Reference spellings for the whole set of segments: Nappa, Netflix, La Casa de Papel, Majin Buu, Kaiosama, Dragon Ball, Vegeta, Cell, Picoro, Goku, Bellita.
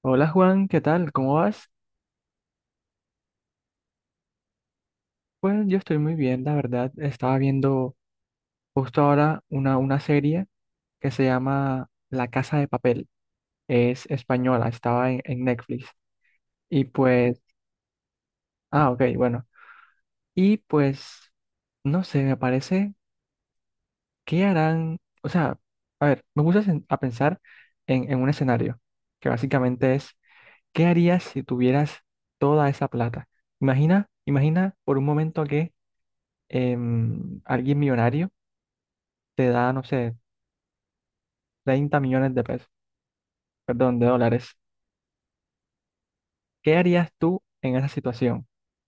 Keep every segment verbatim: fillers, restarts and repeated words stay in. Hola Juan, ¿qué tal? ¿Cómo vas? Pues yo estoy muy bien, la verdad. Estaba viendo justo ahora una, una serie que se llama La Casa de Papel. Es española, estaba en, en Netflix. Y pues, ah, ok, bueno. Y pues, no sé, me parece, ¿qué harán? O sea, a ver, me puse a sen- a pensar en, en un escenario que básicamente es, ¿qué harías si tuvieras toda esa plata? Imagina, imagina por un momento que em, alguien millonario te da, no sé, treinta millones de pesos, perdón, de dólares. ¿Qué harías tú en esa situación?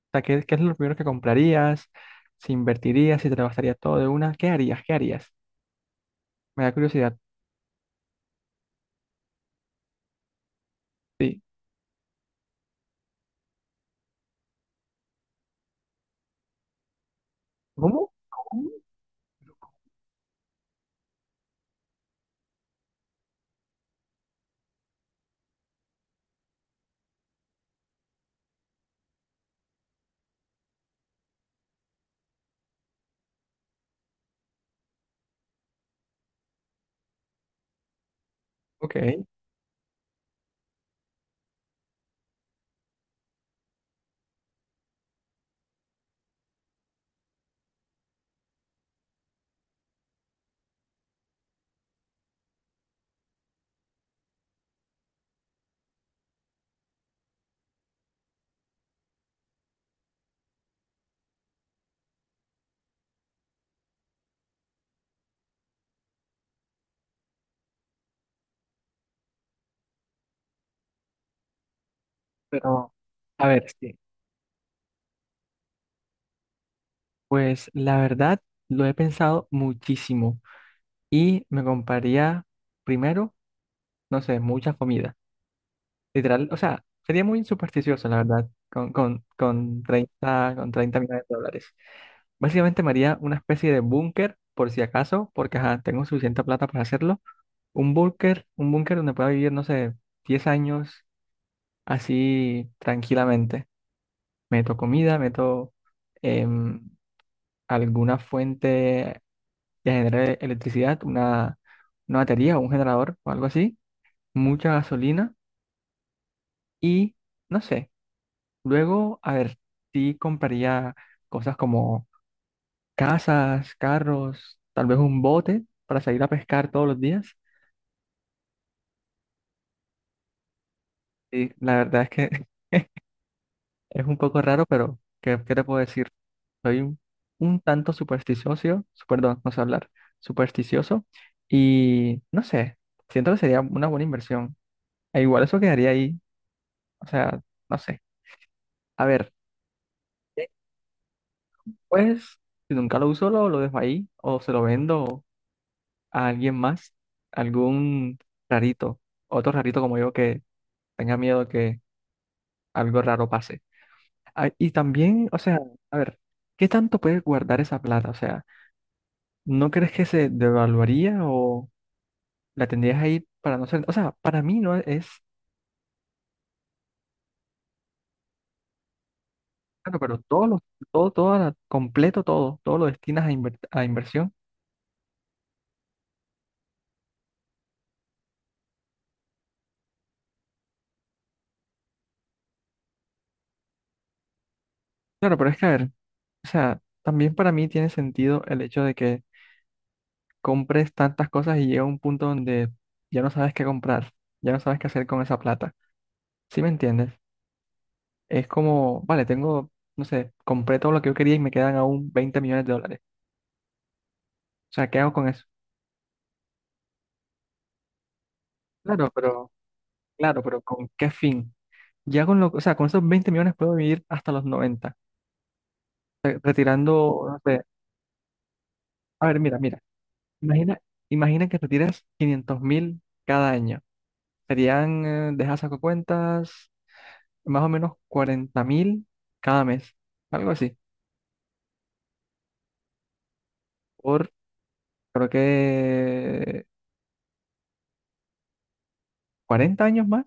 O sea, ¿qué, qué es lo primero que comprarías? ¿Si invertirías? ¿Si te lo gastarías todo de una? ¿Qué harías? ¿Qué harías? Me da curiosidad. Sí. ¿Cómo? ¿Cómo? Ok, pero a ver, sí. Pues la verdad lo he pensado muchísimo y me compraría primero, no sé, mucha comida. Literal, o sea, sería muy supersticioso, la verdad, con, con, con treinta con treinta millones de dólares. Básicamente me haría una especie de búnker, por si acaso, porque ajá, tengo suficiente plata para hacerlo. Un búnker, un búnker donde pueda vivir, no sé, diez años así tranquilamente. Meto comida, meto em, alguna fuente que genere electricidad, una, una batería o un generador o algo así, mucha gasolina y, no sé, luego, a ver, sí compraría cosas como casas, carros, tal vez un bote para salir a pescar todos los días. Y la verdad es que es un poco raro, pero ¿qué, qué te puedo decir? Soy un, un tanto supersticioso, su- perdón, no sé hablar, supersticioso y no sé, siento que sería una buena inversión. E igual eso quedaría ahí, o sea, no sé. A ver, pues si nunca lo uso, lo, lo dejo ahí o se lo vendo a alguien más, algún rarito, otro rarito como yo que tenga miedo que algo raro pase. Ah, y también, o sea, a ver, ¿qué tanto puedes guardar esa plata? O sea, ¿no crees que se devaluaría o la tendrías ahí para no ser? O sea, para mí no es, claro, pero todo lo, todo, todo, la- completo todo, todo lo destinas a, inver- a inversión. Claro, pero es que, a ver, o sea, también para mí tiene sentido el hecho de que compres tantas cosas y llega un punto donde ya no sabes qué comprar, ya no sabes qué hacer con esa plata. ¿Sí me entiendes? Es como, vale, tengo, no sé, compré todo lo que yo quería y me quedan aún veinte millones de dólares. O sea, ¿qué hago con eso? Claro, pero, claro, pero ¿con qué fin? Ya con lo, o sea, con esos veinte millones puedo vivir hasta los noventa eh, retirando, no sé, a ver, mira, mira, imagina, imagina que retiras quinientos mil cada año. Serían, eh, deja saco cuentas, más o menos cuarenta mil cada mes, algo así, por, creo que cuarenta años más,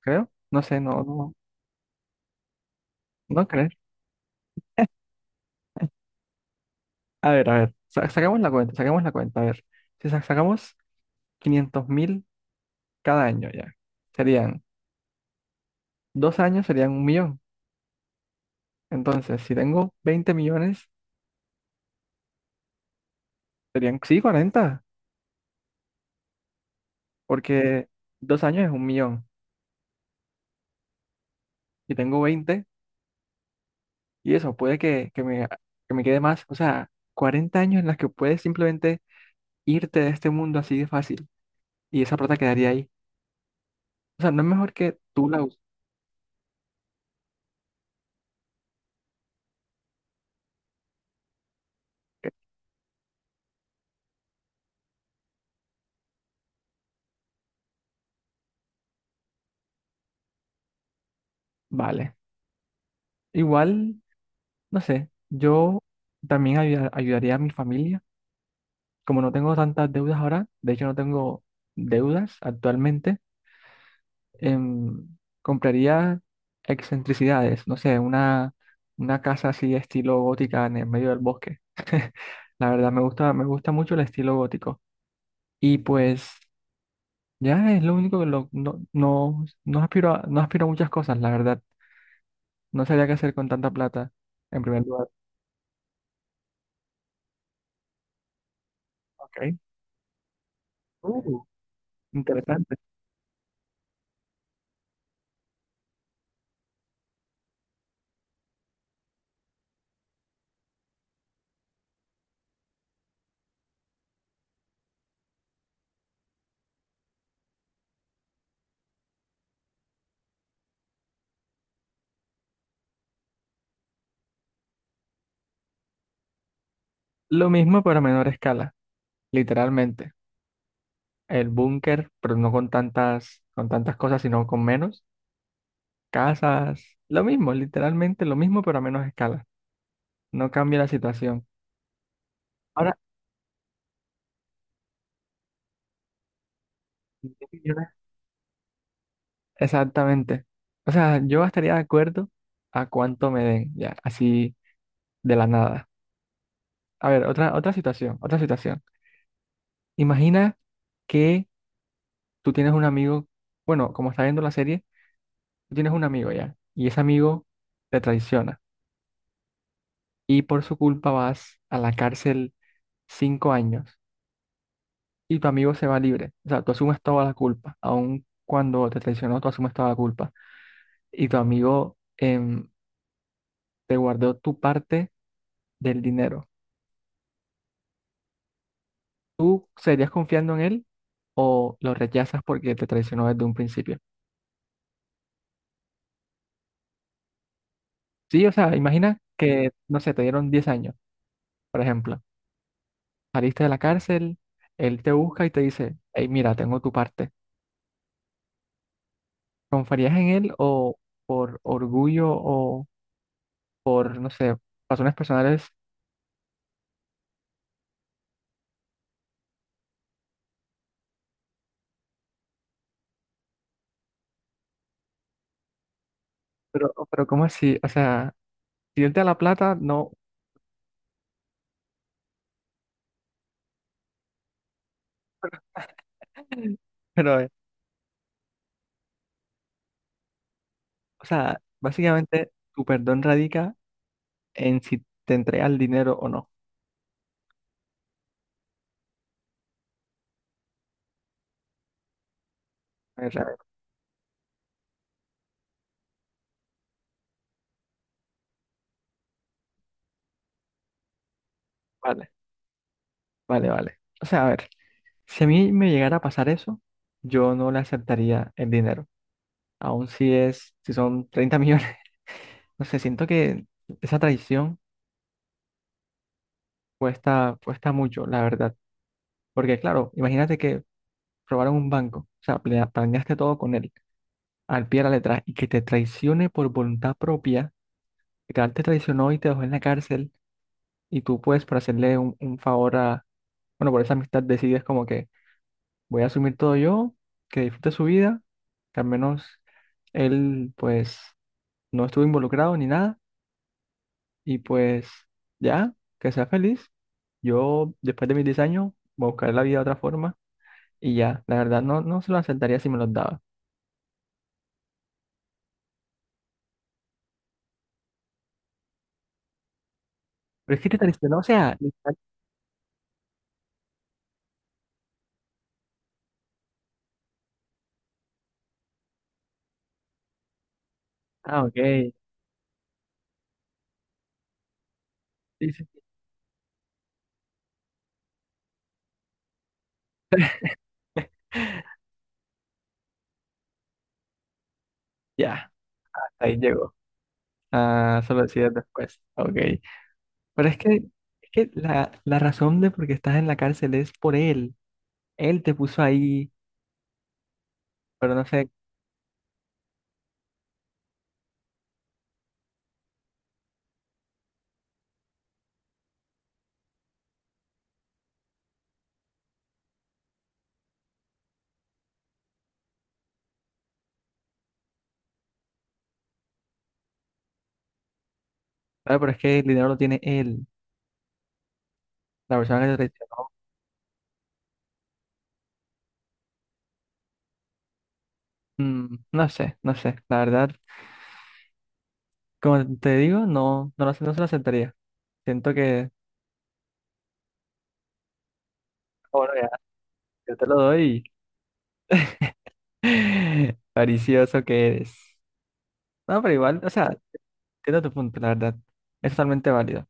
creo, no sé, no, no, no crees. A ver, a ver, sa- sacamos la cuenta, sacamos la cuenta. A ver, si sa- sacamos 500 mil cada año ya, serían dos años, serían un millón. Entonces, si tengo veinte millones, serían, sí, cuarenta, porque dos años es un millón. Y tengo veinte, y eso puede que, que me, que me quede más. O sea, cuarenta años en las que puedes simplemente irte de este mundo así de fácil, y esa plata quedaría ahí. O sea, no es mejor que tú la uses. Vale. Igual, no sé, yo también ayu- ayudaría a mi familia como no tengo tantas deudas ahora, de hecho no tengo deudas actualmente, em, compraría excentricidades, no sé, una, una casa así estilo gótica en el medio del bosque. La verdad me gusta, me gusta mucho el estilo gótico. Y pues ya es lo único que lo- no, no, no aspiro a, no aspiro a muchas cosas, la verdad. No sabría qué hacer con tanta plata en primer lugar. Ok. Uh, interesante. Lo mismo pero a menor escala, literalmente. El búnker, pero no con tantas, con tantas, cosas, sino con menos. Casas, lo mismo, literalmente lo mismo, pero a menos escala. No cambia la situación. Ahora, diez millones. Exactamente. O sea, yo estaría de acuerdo a cuánto me den, ya, así de la nada. A ver, otra, otra situación, otra situación. Imagina que tú tienes un amigo, bueno, como está viendo la serie, tú tienes un amigo ya, y ese amigo te traiciona, y por su culpa vas a la cárcel cinco años. Y tu amigo se va libre. O sea, tú asumes toda la culpa, aun cuando te traicionó, tú asumes toda la culpa. Y tu amigo em, te guardó tu parte del dinero. ¿Tú seguirías confiando en él o lo rechazas porque te traicionó desde un principio? Sí, o sea, imagina que, no sé, te dieron diez años, por ejemplo. Saliste de la cárcel, él te busca y te dice, hey, mira, tengo tu parte. ¿Confiarías en él o por orgullo o por, no sé, razones personales? Pero, pero ¿cómo así? O sea... Si es de la plata, no. Pero, eh, o sea, básicamente tu perdón radica en si te entregas el dinero o no. A ver, a ver, vale, vale, vale. O sea, a ver, si a mí me llegara a pasar eso, yo no le aceptaría el dinero. Aun si es, si son treinta millones. No sé, siento que esa traición cuesta, cuesta mucho, la verdad. Porque, claro, imagínate que robaron un banco. O sea, planea- planeaste todo con él, al pie de la letra, y que te traicione por voluntad propia. Literal te traicionó y te dejó en la cárcel y tú pues por hacerle un, un favor a, bueno, por esa amistad decides como que voy a asumir todo yo, que disfrute su vida, que al menos él pues no estuvo involucrado ni nada y pues ya, que sea feliz. Yo después de mis diez años voy a buscar la vida de otra forma y ya, la verdad no, no se lo aceptaría si me los daba. Pero es que te traicionó, o sea, literal- ah, ok, sí, sí, ya, hasta ahí llegó. Ah, solo decides después, ok. Pero es que, es que la, la razón de por qué estás en la cárcel es por él. Él te puso ahí, pero no sé, claro, pero es que el dinero lo tiene él, la persona que te traicionó. Mm, no sé, no sé, la verdad, como te digo, no, no, lo sé, no se lo aceptaría. Siento que, ah, bueno, ya, yo te lo doy. Paricioso que eres. No, pero igual, o sea, entiendo tu punto, la verdad. Es totalmente válido.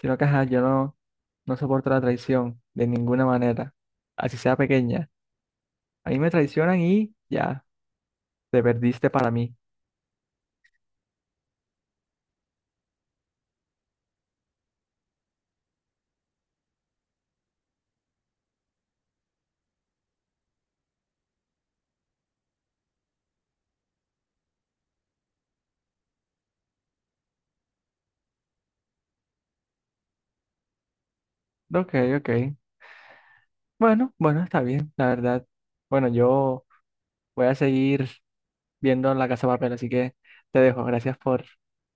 Sino que, ajá, yo no, no soporto la traición de ninguna manera, así sea pequeña. Ahí me traicionan y ya, te perdiste para mí. Ok, ok. Bueno, bueno, está bien, la verdad. Bueno, yo voy a seguir viendo La Casa de Papel, así que te dejo. Gracias por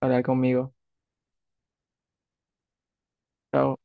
hablar conmigo. Chao.